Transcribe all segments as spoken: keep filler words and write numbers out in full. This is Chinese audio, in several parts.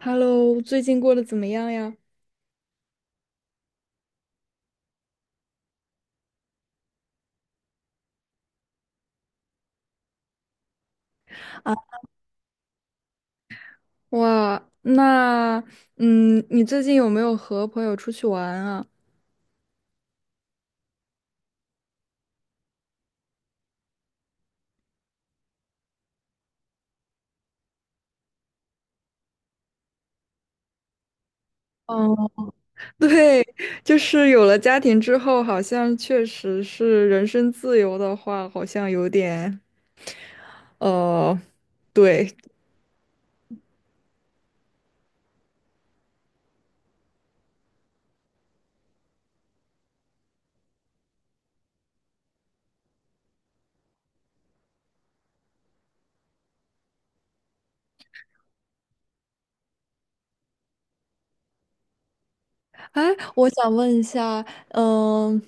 Hello，最近过得怎么样呀？哇，那嗯，你最近有没有和朋友出去玩啊？哦，对，就是有了家庭之后，好像确实是人身自由的话，好像有点呃，对。哎，我想问一下，嗯，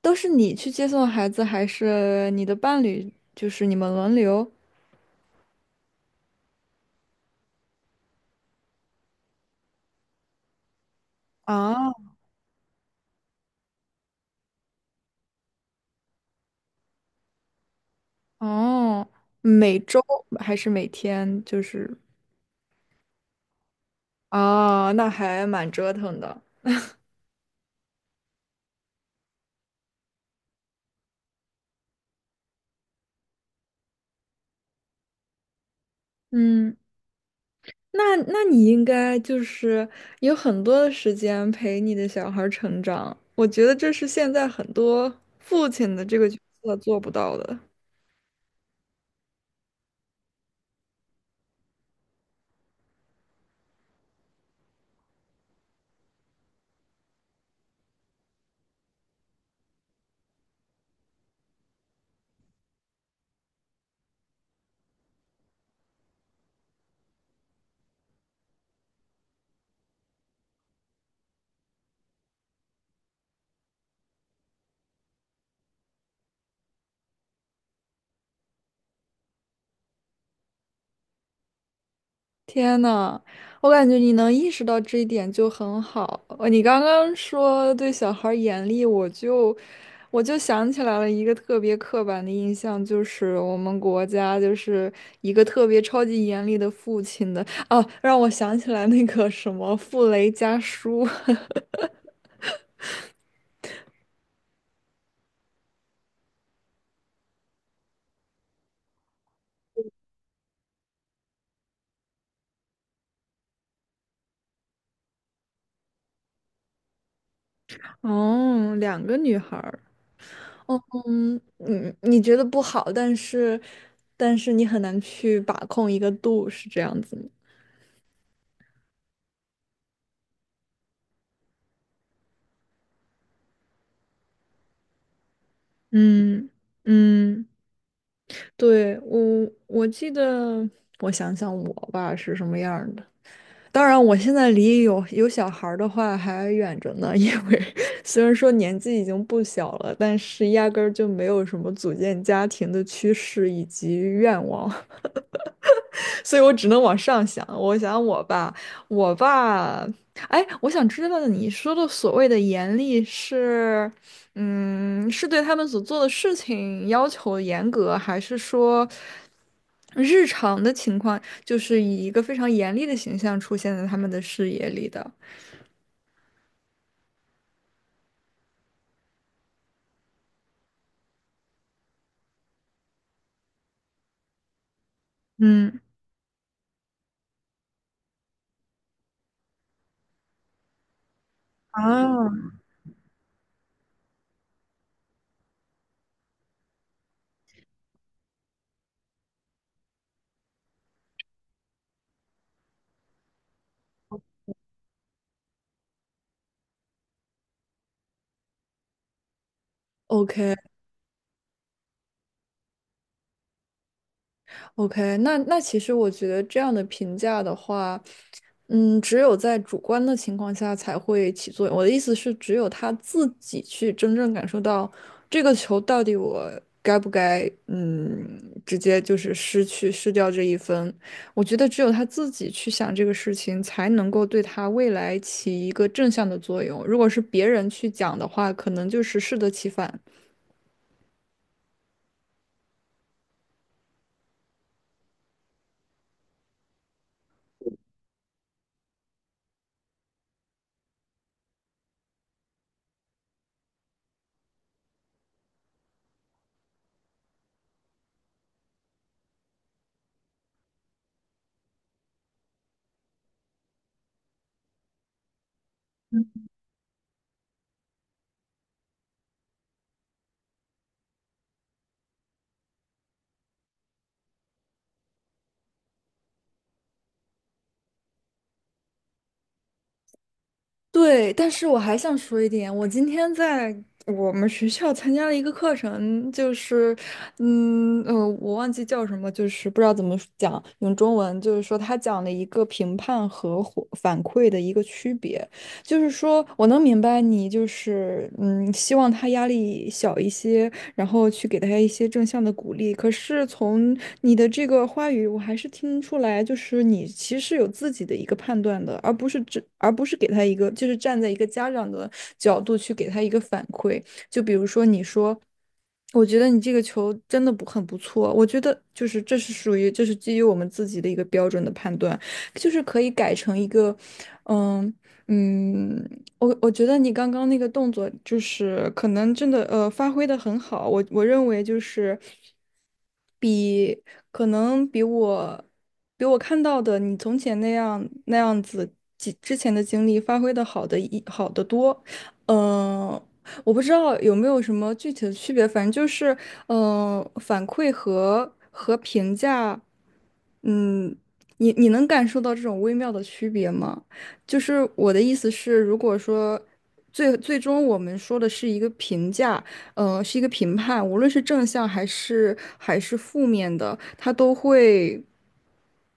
都是你去接送孩子，还是你的伴侣？就是你们轮流？啊，哦，每周还是每天？就是。哦，那还蛮折腾的。嗯，那那你应该就是有很多的时间陪你的小孩儿成长，我觉得这是现在很多父亲的这个角色做不到的。天呐，我感觉你能意识到这一点就很好。呃你刚刚说对小孩儿严厉，我就我就想起来了一个特别刻板的印象，就是我们国家就是一个特别超级严厉的父亲的。哦，让我想起来那个什么傅雷家书。哦，两个女孩儿。哦，嗯，你你觉得不好，但是但是你很难去把控一个度，是这样子吗？嗯嗯。对，我我记得，我想想我吧是什么样儿的。当然，我现在离有有小孩儿的话还远着呢，因为 虽然说年纪已经不小了，但是压根儿就没有什么组建家庭的趋势以及愿望。所以我只能往上想。我想我爸，我爸，哎，我想知道你说的所谓的严厉是，嗯，是对他们所做的事情要求严格，还是说日常的情况就是以一个非常严厉的形象出现在他们的视野里的？嗯。啊， o k o k 那那其实我觉得这样的评价的话，嗯，只有在主观的情况下才会起作用。我的意思是，只有他自己去真正感受到这个球到底我该不该，嗯，直接就是失去失掉这一分。我觉得只有他自己去想这个事情，才能够对他未来起一个正向的作用。如果是别人去讲的话，可能就是适得其反。对，但是我还想说一点，我今天在我们学校参加了一个课程，就是，嗯呃，我忘记叫什么，就是不知道怎么讲，用中文就是说他讲了一个评判和回反馈的一个区别，就是说我能明白你就是，嗯，希望他压力小一些，然后去给大家一些正向的鼓励。可是从你的这个话语，我还是听出来，就是你其实有自己的一个判断的，而不是只，而不是给他一个，就是站在一个家长的角度去给他一个反馈。就比如说，你说，我觉得你这个球真的不很不错，我觉得就是这是属于这是基于我们自己的一个标准的判断，就是可以改成一个，嗯。嗯，我我觉得你刚刚那个动作就是可能真的呃发挥的很好，我我认为就是。比可能比我比我看到的你从前那样那样子几之前的经历发挥的好的一好得多，嗯、我不知道有没有什么具体的区别，反正就是，嗯、反馈和和评价，嗯，你你能感受到这种微妙的区别吗？就是我的意思是，如果说最最终我们说的是一个评价，呃，是一个评判，无论是正向还是还是负面的，它都会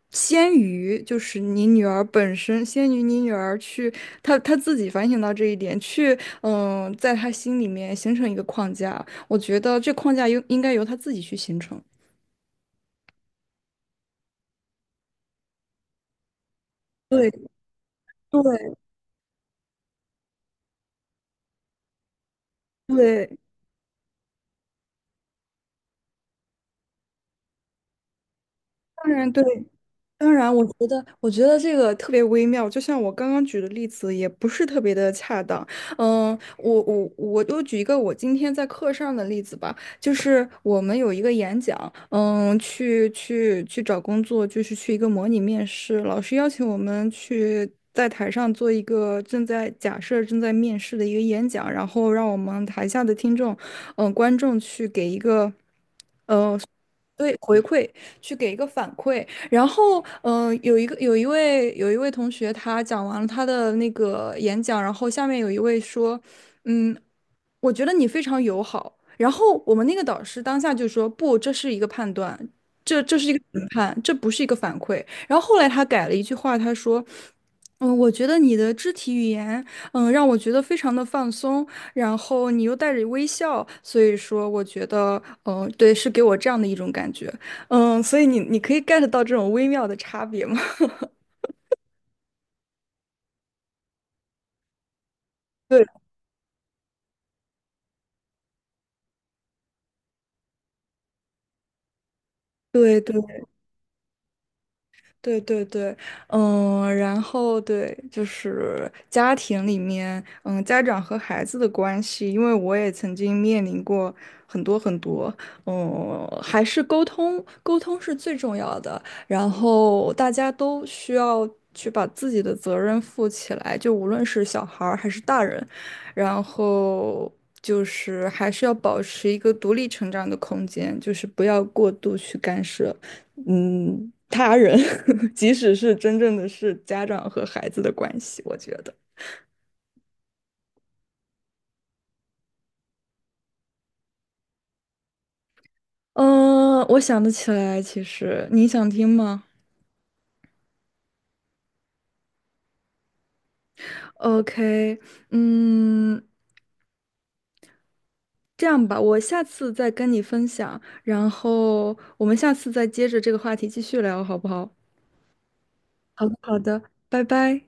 先于就是你女儿本身，先于你女儿去，她她自己反省到这一点，去嗯、呃在她心里面形成一个框架。我觉得这框架应应该由她自己去形成。对对对，当然对。当然，我觉得，我觉得这个特别微妙，就像我刚刚举的例子，也不是特别的恰当。嗯，我我我就举一个我今天在课上的例子吧，就是我们有一个演讲，嗯，去去去找工作，就是去一个模拟面试，老师邀请我们去。在台上做一个正在假设正在面试的一个演讲，然后让我们台下的听众，嗯、观众去给一个。去给一个反馈。然后，嗯、呃有一个有一位有一位同学，他讲完了他的那个演讲，然后下面有一位说，嗯，我觉得你非常友好。然后我们那个导师当下就说：“不，这是一个判断，这这是一个评判，这不是一个反馈。”然后后来他改了一句话，他说：“嗯，我觉得你的肢体语言，嗯，让我觉得非常的放松，然后你又带着微笑，所以说我觉得，嗯，对，是给我这样的一种感觉，嗯，所以你你可以 get 到这种微妙的差别吗？” 对对对对对对，嗯，然后对，就是家庭里面，嗯，家长和孩子的关系，因为我也曾经面临过很多很多，嗯，还是沟通，沟通是最重要的，然后大家都需要去把自己的责任负起来，就无论是小孩儿还是大人，然后就是还是要保持一个独立成长的空间，就是不要过度去干涉。嗯，他人，即使是真正的是家长和孩子的关系，我觉得。嗯，我想得起来，其实你想听吗？O K，嗯，这样吧，我下次再跟你分享，然后我们下次再接着这个话题继续聊，好不好？好的，好的，拜拜。